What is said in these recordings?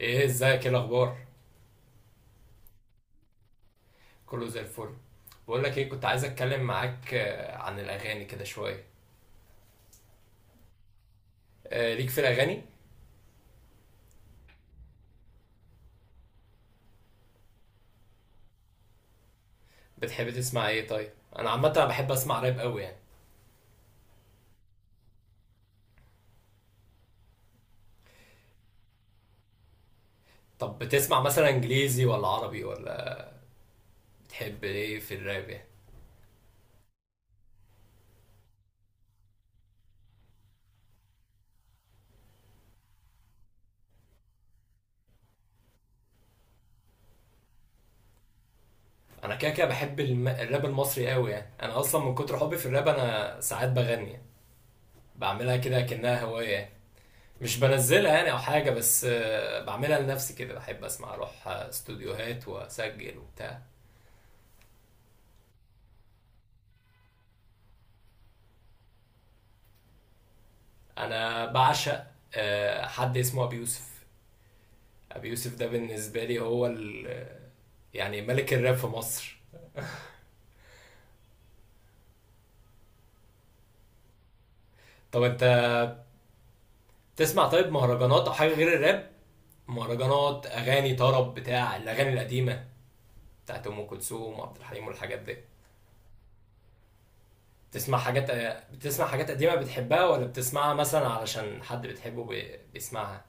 ايه ازيك؟ ايه الاخبار؟ كله زي الفل. بقول لك ايه، كنت عايز اتكلم معاك عن الاغاني كده شويه. ليك في الاغاني؟ بتحب تسمع ايه طيب؟ انا عامه بحب اسمع راب قوي يعني. طب بتسمع مثلا انجليزي ولا عربي ولا؟ بتحب ايه في الراب يعني؟ انا كده كده بحب الراب المصري قوي يعني. انا اصلا من كتر حبي في الراب انا ساعات بغني يعني. بعملها كده كأنها هوايه يعني. مش بنزلها يعني او حاجه، بس بعملها لنفسي كده، بحب اسمع، اروح استوديوهات واسجل وبتاع. انا بعشق حد اسمه ابي يوسف. ابي يوسف ده بالنسبه لي هو يعني ملك الراب في مصر. طب انت تسمع طيب مهرجانات او حاجه غير الراب؟ مهرجانات، اغاني طرب، بتاع الاغاني القديمه، بتاعت ام كلثوم وعبد الحليم والحاجات دي؟ بتسمع حاجات، بتسمع حاجات قديمه بتحبها، ولا بتسمعها مثلا علشان حد بتحبه بيسمعها؟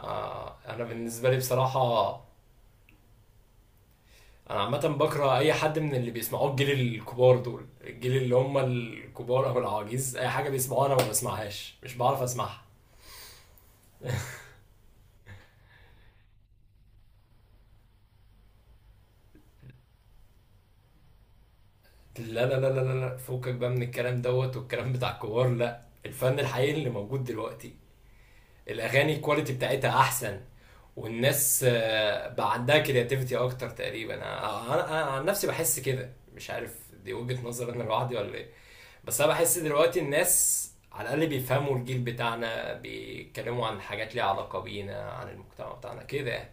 آه، انا بالنسبه لي بصراحه، انا عامه بكره اي حد من اللي بيسمعوه الجيل الكبار دول، الجيل اللي هم الكبار او العواجيز، اي حاجه بيسمعوها انا ما بسمعهاش، مش بعرف اسمعها. لا لا لا لا لا لا، فكك بقى من الكلام دوت والكلام بتاع الكبار، لا، الفن الحقيقي اللي موجود دلوقتي، الاغاني الكواليتي بتاعتها احسن، والناس بقى عندها كرياتيفيتي اكتر تقريبا. أنا عن نفسي بحس كده، مش عارف دي وجهة نظر انا لوحدي ولا ايه؟ بس انا بحس دلوقتي الناس على الاقل بيفهموا الجيل بتاعنا، بيتكلموا عن حاجات ليها علاقه بينا، عن المجتمع بتاعنا كده يعني.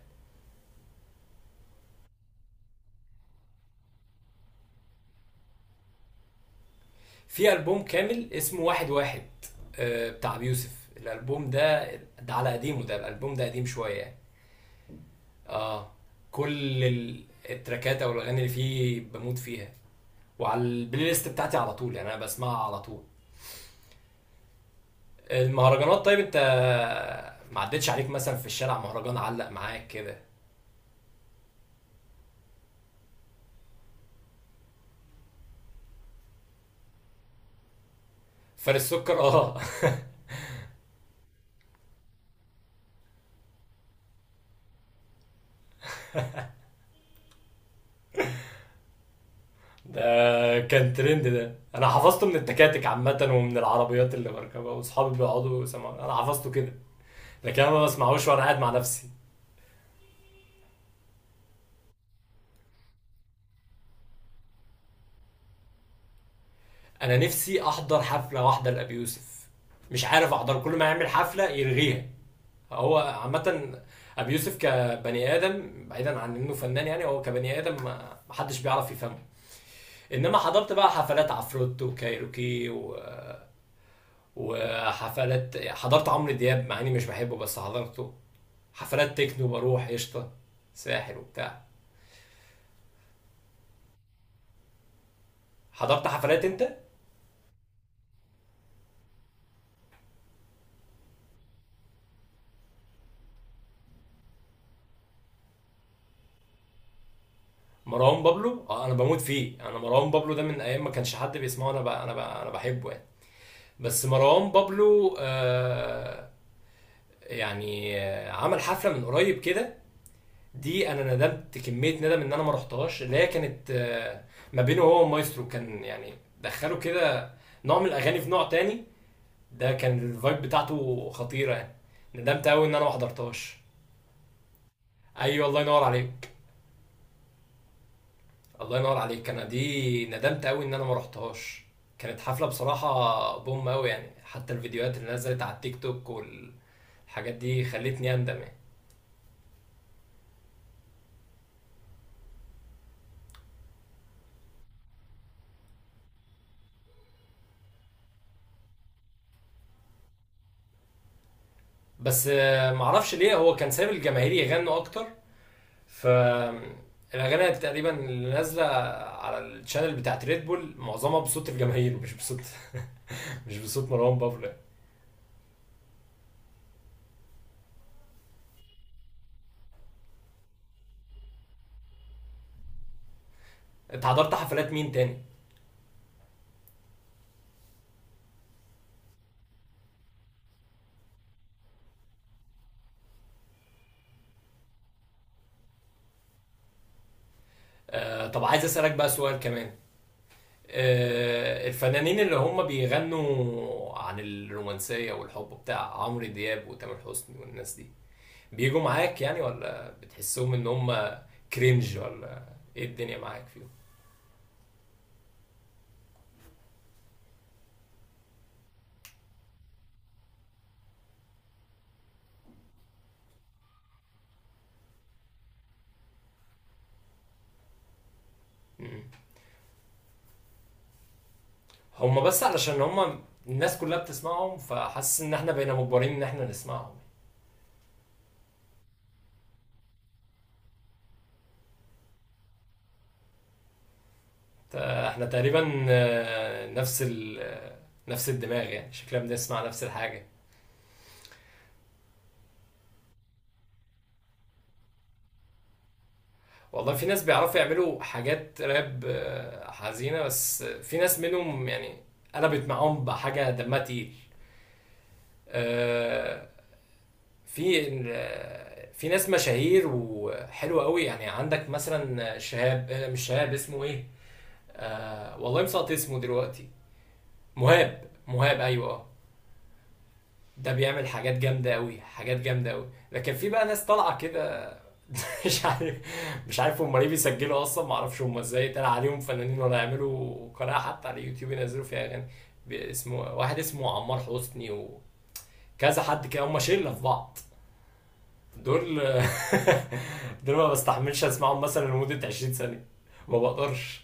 في البوم كامل اسمه واحد واحد، بتاع بيوسف. الالبوم ده، ده على قديمه، ده الالبوم ده قديم شويه يعني. اه، كل التراكات او الاغاني اللي فيه بموت فيها، وعلى البلاي ليست بتاعتي على طول يعني، انا بسمعها على طول. المهرجانات، طيب انت ما عدتش عليك مثلا في الشارع مهرجان علق معاك كده؟ فارس السكر، اه ده كان ترند، ده انا حفظته من التكاتك عامه ومن العربيات اللي بركبها واصحابي بيقعدوا يسمعوا، انا حفظته كده، لكن انا ما بسمعوش وانا قاعد مع نفسي. انا نفسي احضر حفله واحده لابي يوسف، مش عارف احضر، كل ما يعمل حفله يلغيها. هو عامه، ابي يوسف كبني ادم، بعيدا عن انه فنان يعني، هو كبني ادم ما حدش بيعرف يفهمه. انما حضرت بقى حفلات عفروت وكايروكي و... وحفلات، حضرت عمرو دياب مع اني مش بحبه بس حضرته، حفلات تكنو بروح قشطه، ساحل وبتاع. حضرت حفلات انت؟ مروان بابلو، اه انا بموت فيه، انا مروان بابلو ده من ايام ما كانش حد بيسمعه انا بحبه يعني. بس مروان بابلو آه، يعني آه عمل حفله من قريب كده، دي انا ندمت كميه ندم ان انا ما رحتهاش، اللي هي كانت آه، ما بينه هو ومايسترو كان يعني، دخلوا كده نوع من الاغاني في نوع تاني، ده كان الفايب بتاعته خطيره يعني. ندمت قوي ان انا ما حضرتهاش. ايوه، الله ينور عليك. الله ينور عليك، انا دي ندمت قوي ان انا ما رحتهاش. كانت حفله بصراحه بوم قوي يعني، حتى الفيديوهات اللي نزلت على التيك توك والحاجات دي خلتني اندم يعني. بس معرفش ليه هو كان سايب الجماهير يغنوا اكتر، ف الاغاني تقريبا اللي نازله على الشانل بتاعت ريد بول معظمها بصوت الجماهير، مش بصوت مش بصوت مروان بابلو يعني. انت حضرت حفلات مين تاني؟ طب عايز اسالك بقى سؤال كمان. الفنانين اللي هم بيغنوا عن الرومانسية والحب، بتاع عمرو دياب وتامر حسني والناس دي، بيجوا معاك يعني ولا بتحسهم ان هم كرينج، ولا ايه الدنيا معاك فيهم؟ مم. هم بس علشان هم الناس كلها بتسمعهم، فحاسس ان احنا بقينا مجبرين ان احنا نسمعهم. احنا تقريبا نفس ال آه، نفس الدماغ يعني، شكلنا بنسمع نفس الحاجة. والله في ناس بيعرفوا يعملوا حاجات راب حزينة، بس في ناس منهم يعني قلبت معاهم بحاجة دمها تقيل. آه، في في ناس مشاهير وحلوة قوي يعني، عندك مثلا شهاب، مش شهاب، اسمه ايه، والله مسقط اسمه دلوقتي. مهاب، مهاب، ايوه اه. ده بيعمل حاجات جامدة قوي، حاجات جامدة قوي، لكن في بقى ناس طالعة كده مش عارف، مش عارف هم ليه بيسجلوا اصلا، ما اعرفش هم ازاي طلع عليهم فنانين ولا يعملوا قناه حتى على اليوتيوب ينزلوا فيها اغاني. اسمه واحد اسمه عمار حسني وكذا حد كده، هم شله في بعض دول دول ما بستحملش اسمعهم مثلا لمده 20 سنه، ما بقدرش.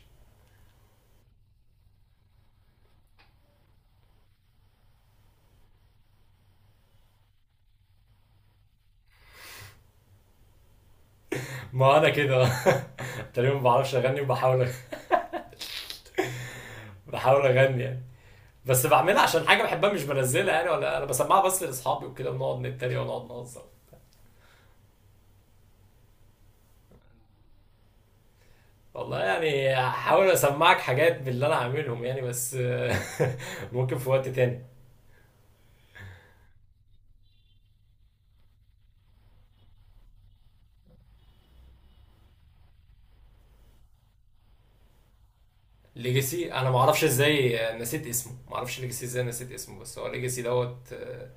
ما انا كده تقريبا ما بعرفش اغني، وبحاول، بحاول اغني يعني، بس بعملها عشان حاجه بحبها، مش بنزلها يعني ولا انا بسمعها، بس لاصحابي وكده ونقعد نتريق ونقعد نهزر. والله يعني هحاول اسمعك حاجات باللي انا عاملهم يعني بس ممكن في وقت تاني. ليجاسي، انا ما اعرفش ازاي نسيت اسمه، ما اعرفش ليجاسي ازاي نسيت اسمه، بس هو ليجاسي دوت آه،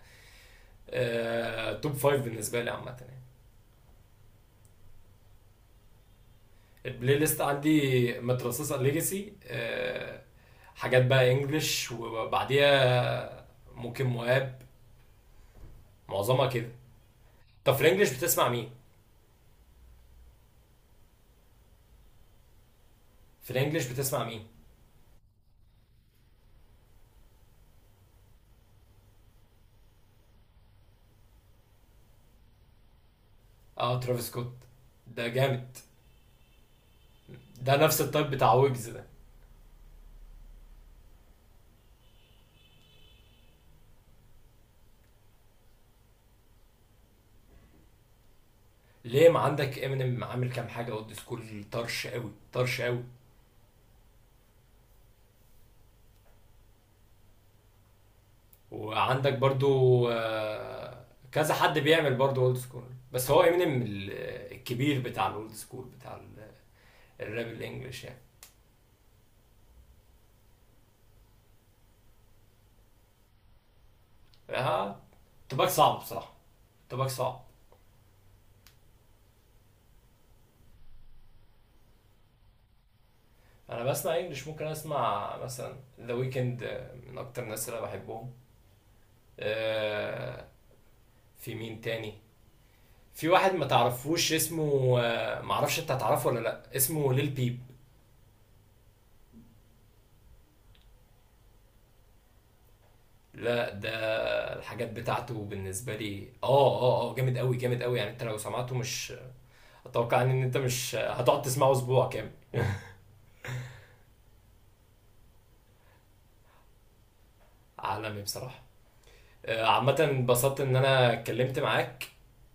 آه، توب فايف بالنسبه لي عامه يعني. البلاي ليست عندي مترصصه ليجاسي، حاجات بقى انجلش، وبعديها ممكن مواب، معظمها كده. طب في الانجليش بتسمع مين؟ في الانجليش بتسمع مين؟ اه ترافيس سكوت ده جامد، ده نفس التايب بتاع ويجز ده. ليه، ما عندك امينيم عامل كام حاجه اولد سكول طرش قوي طرش قوي، وعندك برضو كذا حد بيعمل برضو اولد سكول، بس هو امينيم الكبير بتاع الاولد سكول بتاع الراب الانجليش يعني. ها، تباك صعب بصراحه، تباك صعب. انا بسمع انجليش، ممكن اسمع مثلا ذا ويكند، من اكتر الناس اللي أنا بحبهم. آه، في مين تاني؟ في واحد ما تعرفوش اسمه، معرفش انت هتعرفه ولا لا، اسمه ليل بيب. لا ده الحاجات بتاعته بالنسبة لي اه، اه اه جامد قوي، جامد قوي يعني، انت لو سمعته مش، اتوقع ان انت مش هتقعد تسمعه اسبوع كامل. عالمي بصراحة. عامة انبسطت ان انا اتكلمت معاك،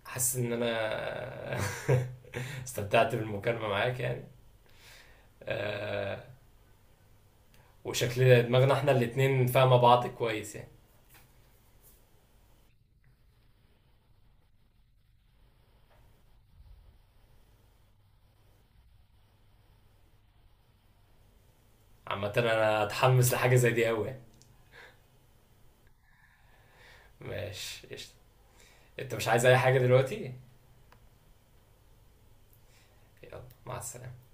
حاسس ان انا استمتعت بالمكالمة معاك يعني. آه، وشكل دماغنا احنا الاتنين فاهمة بعض كويس يعني. عامة انا اتحمس لحاجة زي دي قوي يعني. ماشي قشطة. انت مش عايز اي حاجة دلوقتي؟ يلا مع السلامة.